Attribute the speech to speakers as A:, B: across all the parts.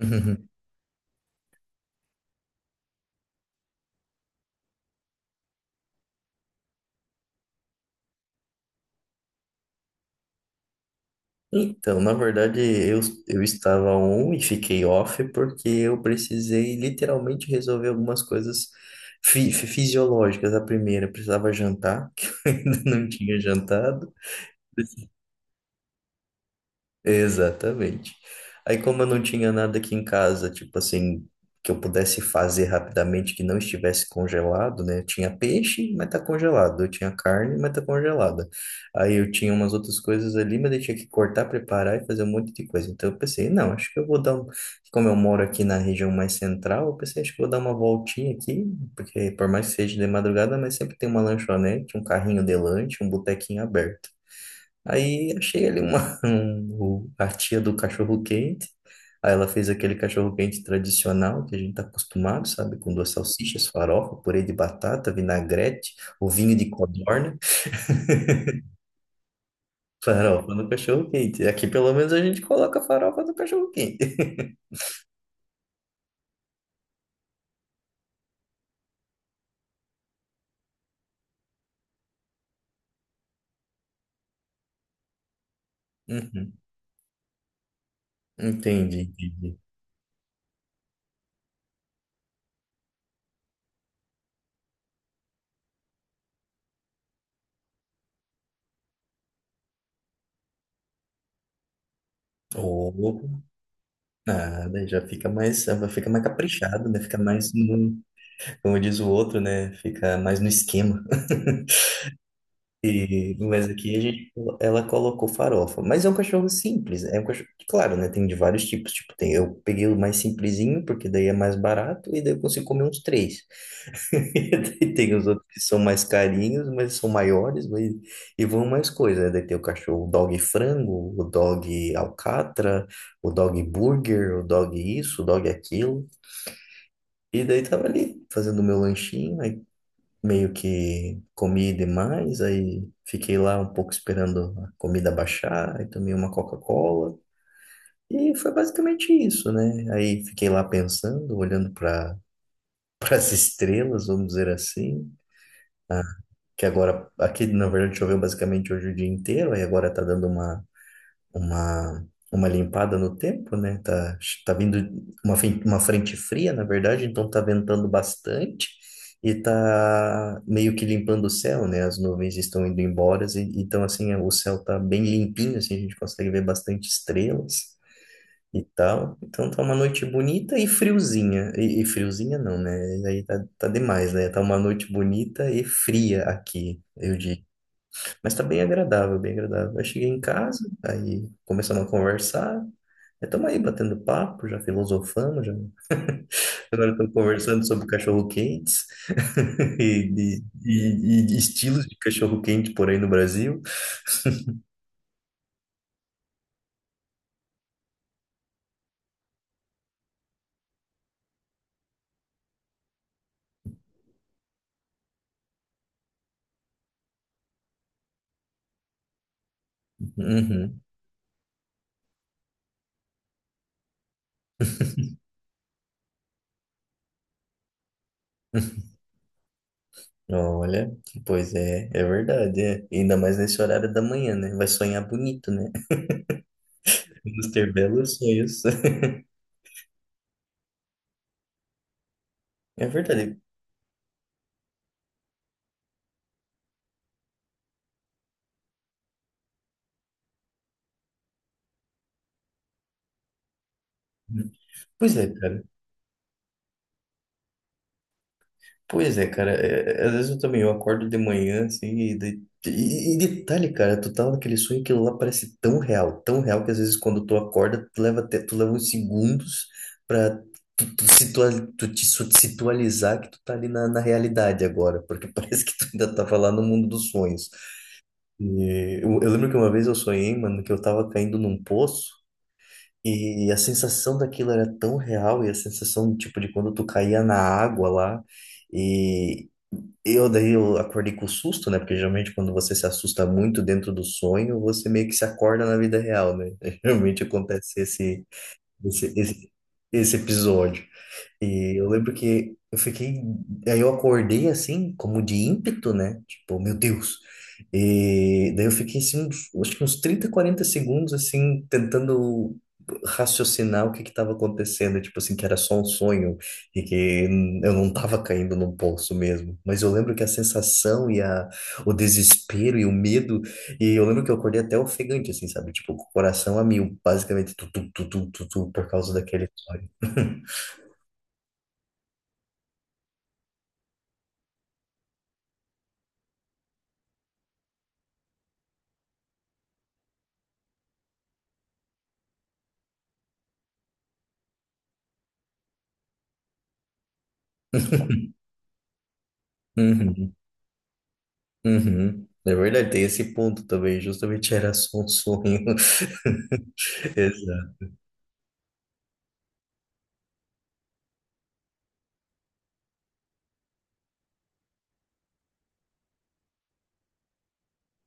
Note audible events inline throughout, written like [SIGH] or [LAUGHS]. A: Uhum. Então, na verdade, eu estava on e fiquei off porque eu precisei literalmente resolver algumas coisas fisiológicas. A primeira, eu precisava jantar, [LAUGHS] que eu ainda não tinha jantado. Exatamente. Aí, como eu não tinha nada aqui em casa, tipo assim, que eu pudesse fazer rapidamente que não estivesse congelado, né? Eu tinha peixe, mas tá congelado. Eu tinha carne, mas tá congelada. Aí eu tinha umas outras coisas ali, mas eu tinha que cortar, preparar e fazer um monte de coisa. Então eu pensei, não, acho que eu vou dar um. Como eu moro aqui na região mais central, eu pensei, acho que eu vou dar uma voltinha aqui, porque por mais que seja de madrugada, mas sempre tem uma lanchonete, um carrinho de lanche, um botequinho aberto. Aí achei ali uma, [LAUGHS] a tia do cachorro-quente. Aí ela fez aquele cachorro-quente tradicional que a gente tá acostumado, sabe? Com duas salsichas, farofa, purê de batata, vinagrete, o vinho de codorna. Farofa no cachorro-quente. Aqui pelo menos a gente coloca farofa no cachorro-quente. [LAUGHS] Uhum. Entendi, entendi. Opa, nada, já fica mais caprichado, né? Fica mais no, como diz o outro, né? Fica mais no esquema. [LAUGHS] E, mas aqui a gente, ela colocou farofa. Mas é um cachorro simples, né? É um cachorro, claro, né? Tem de vários tipos. Tipo, tem, eu peguei o mais simplesinho, porque daí é mais barato, e daí eu consigo comer uns três. [LAUGHS] E daí tem os outros que são mais carinhos, mas são maiores, mas, e vão mais coisa, né? Daí tem o cachorro, o dog frango, o dog alcatra, o dog burger, o dog isso, o dog aquilo. E daí tava ali, fazendo meu lanchinho, meio que comi demais, aí fiquei lá um pouco esperando a comida baixar, aí tomei uma Coca-Cola e foi basicamente isso, né? Aí fiquei lá pensando, olhando para as [LAUGHS] estrelas, vamos dizer assim, que agora aqui na verdade choveu basicamente hoje o dia inteiro, aí agora tá dando uma, uma limpada no tempo, né? Tá, tá vindo uma frente fria, na verdade, então tá ventando bastante e tá meio que limpando o céu, né? As nuvens estão indo embora, então assim, é, o céu tá bem limpinho, assim, a gente consegue ver bastante estrelas. E tal, então tá uma noite bonita e friozinha. E friozinha não, né? Aí tá, tá demais, né? Tá uma noite bonita e fria aqui, eu digo. Mas tá bem agradável, bem agradável. Eu cheguei em casa, aí começamos a conversar. Estamos aí batendo papo, já filosofamos, já. Agora estamos conversando sobre cachorro-quentes [LAUGHS] e, e estilos de cachorro-quente por aí no Brasil. Uhum. Olha, pois é, é verdade, é. Ainda mais nesse horário da manhã, né? Vai sonhar bonito, né? [LAUGHS] Vamos ter belos sonhos. [LAUGHS] É verdade. Pois é, cara. Pois é, cara, é, às vezes eu também eu acordo de manhã, assim, e, e detalhe, cara, tu tá naquele sonho, que aquilo lá parece tão real que às vezes quando tu acorda, tu leva até, tu leva uns segundos pra tu, tu situalizar que tu tá ali na realidade agora, porque [LAUGHS] parece que tu ainda tava lá no mundo dos sonhos. E eu lembro que uma vez eu sonhei, mano, que eu tava caindo num poço e a sensação daquilo era tão real e a sensação, tipo, de quando tu caía na água lá. E, eu daí eu acordei com susto, né? Porque geralmente quando você se assusta muito dentro do sonho, você meio que se acorda na vida real, né? [LAUGHS] Geralmente acontece esse, esse, esse, esse episódio. E eu lembro que eu fiquei. Aí eu acordei assim, como de ímpeto, né? Tipo, meu Deus. E daí eu fiquei assim, uns, acho que uns 30 40 segundos, assim, tentando raciocinar o que que estava acontecendo. Tipo assim, que era só um sonho e que eu não estava caindo num poço mesmo. Mas eu lembro que a sensação e a, o desespero e o medo. E eu lembro que eu acordei até ofegante, assim, sabe? Tipo, com o coração a mil, basicamente, por causa daquele sonho. [LAUGHS] Uhum. Uhum. É verdade, tem esse ponto também, justamente era só um sonho. [LAUGHS] Exato.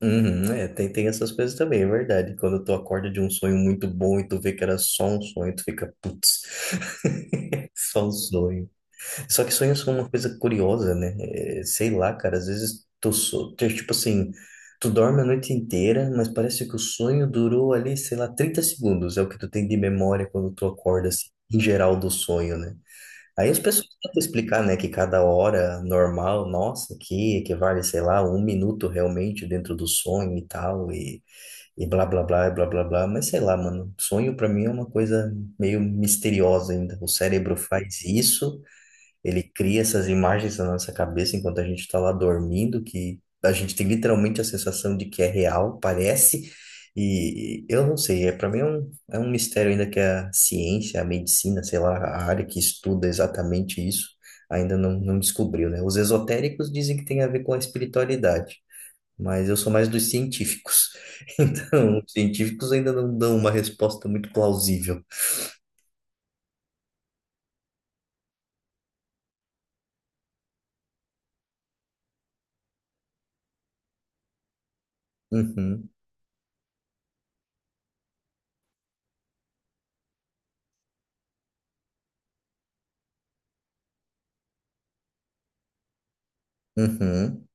A: Uhum, é, tem, tem essas coisas também, é verdade. Quando tu acorda de um sonho muito bom e tu vê que era só um sonho, tu fica, putz, [LAUGHS] só um sonho. Só que sonhos são uma coisa curiosa, né? É, sei lá, cara, às vezes tu, tu, tipo assim, tu dorme a noite inteira, mas parece que o sonho durou ali, sei lá, 30 segundos, é o que tu tem de memória quando tu acorda, assim, em geral do sonho, né? Aí as pessoas tentam explicar, né, que cada hora normal, nossa, que equivale, sei lá, um minuto realmente dentro do sonho e tal, e blá blá blá, e blá blá blá, mas sei lá, mano, sonho pra mim é uma coisa meio misteriosa ainda. O cérebro faz isso, ele cria essas imagens na nossa cabeça enquanto a gente está lá dormindo, que a gente tem literalmente a sensação de que é real, parece. E eu não sei, é, para mim é um mistério ainda que a ciência, a medicina, sei lá, a área que estuda exatamente isso, ainda não, não descobriu, né? Os esotéricos dizem que tem a ver com a espiritualidade, mas eu sou mais dos científicos. [LAUGHS] Então, os científicos ainda não dão uma resposta muito plausível. Uhum, uhum,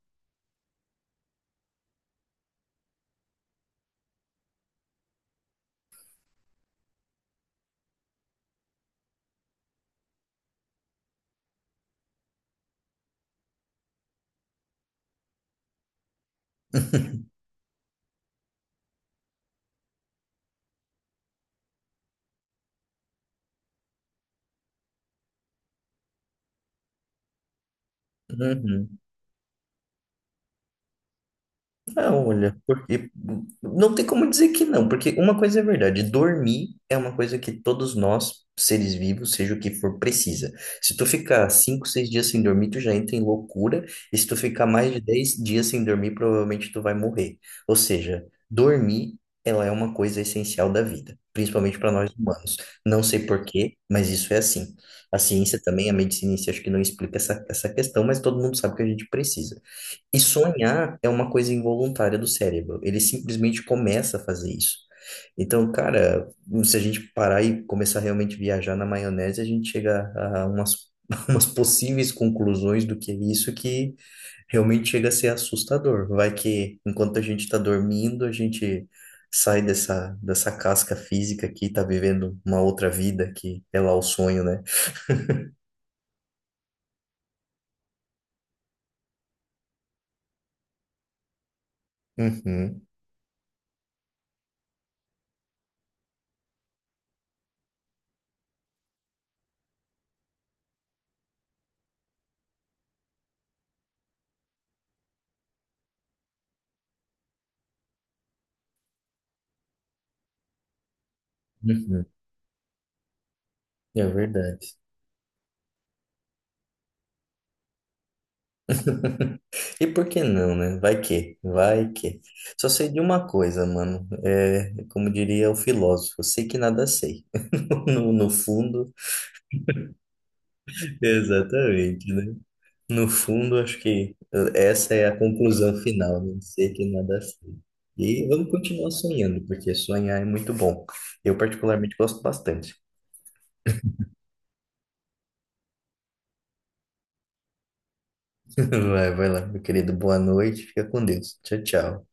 A: [LAUGHS] uhum. Ah, olha, porque não tem como dizer que não, porque uma coisa é verdade, dormir é uma coisa que todos nós, seres vivos, seja o que for, precisa. Se tu ficar 5, 6 dias sem dormir, tu já entra em loucura, e se tu ficar mais de 10 dias sem dormir, provavelmente tu vai morrer. Ou seja, dormir, ela é uma coisa essencial da vida, principalmente para nós humanos. Não sei por quê, mas isso é assim. A ciência também, a medicina em si, acho que não explica essa, essa questão, mas todo mundo sabe que a gente precisa. E sonhar é uma coisa involuntária do cérebro. Ele simplesmente começa a fazer isso. Então, cara, se a gente parar e começar realmente a viajar na maionese, a gente chega a umas, [LAUGHS] umas possíveis conclusões do que é isso que realmente chega a ser assustador. Vai que enquanto a gente está dormindo, a gente sai dessa, dessa casca física aqui, tá vivendo uma outra vida que é lá o sonho, né? Uhum, uhum. É verdade. E por que não, né? Vai que, vai que. Só sei de uma coisa, mano. É, como diria o filósofo, sei que nada sei. [LAUGHS] No, no fundo, exatamente, né? No fundo, acho que essa é a conclusão final, né? Sei que nada sei. E vamos continuar sonhando, porque sonhar é muito bom. Eu particularmente gosto bastante. [LAUGHS] Vai, vai lá, meu querido. Boa noite. Fica com Deus. Tchau, tchau.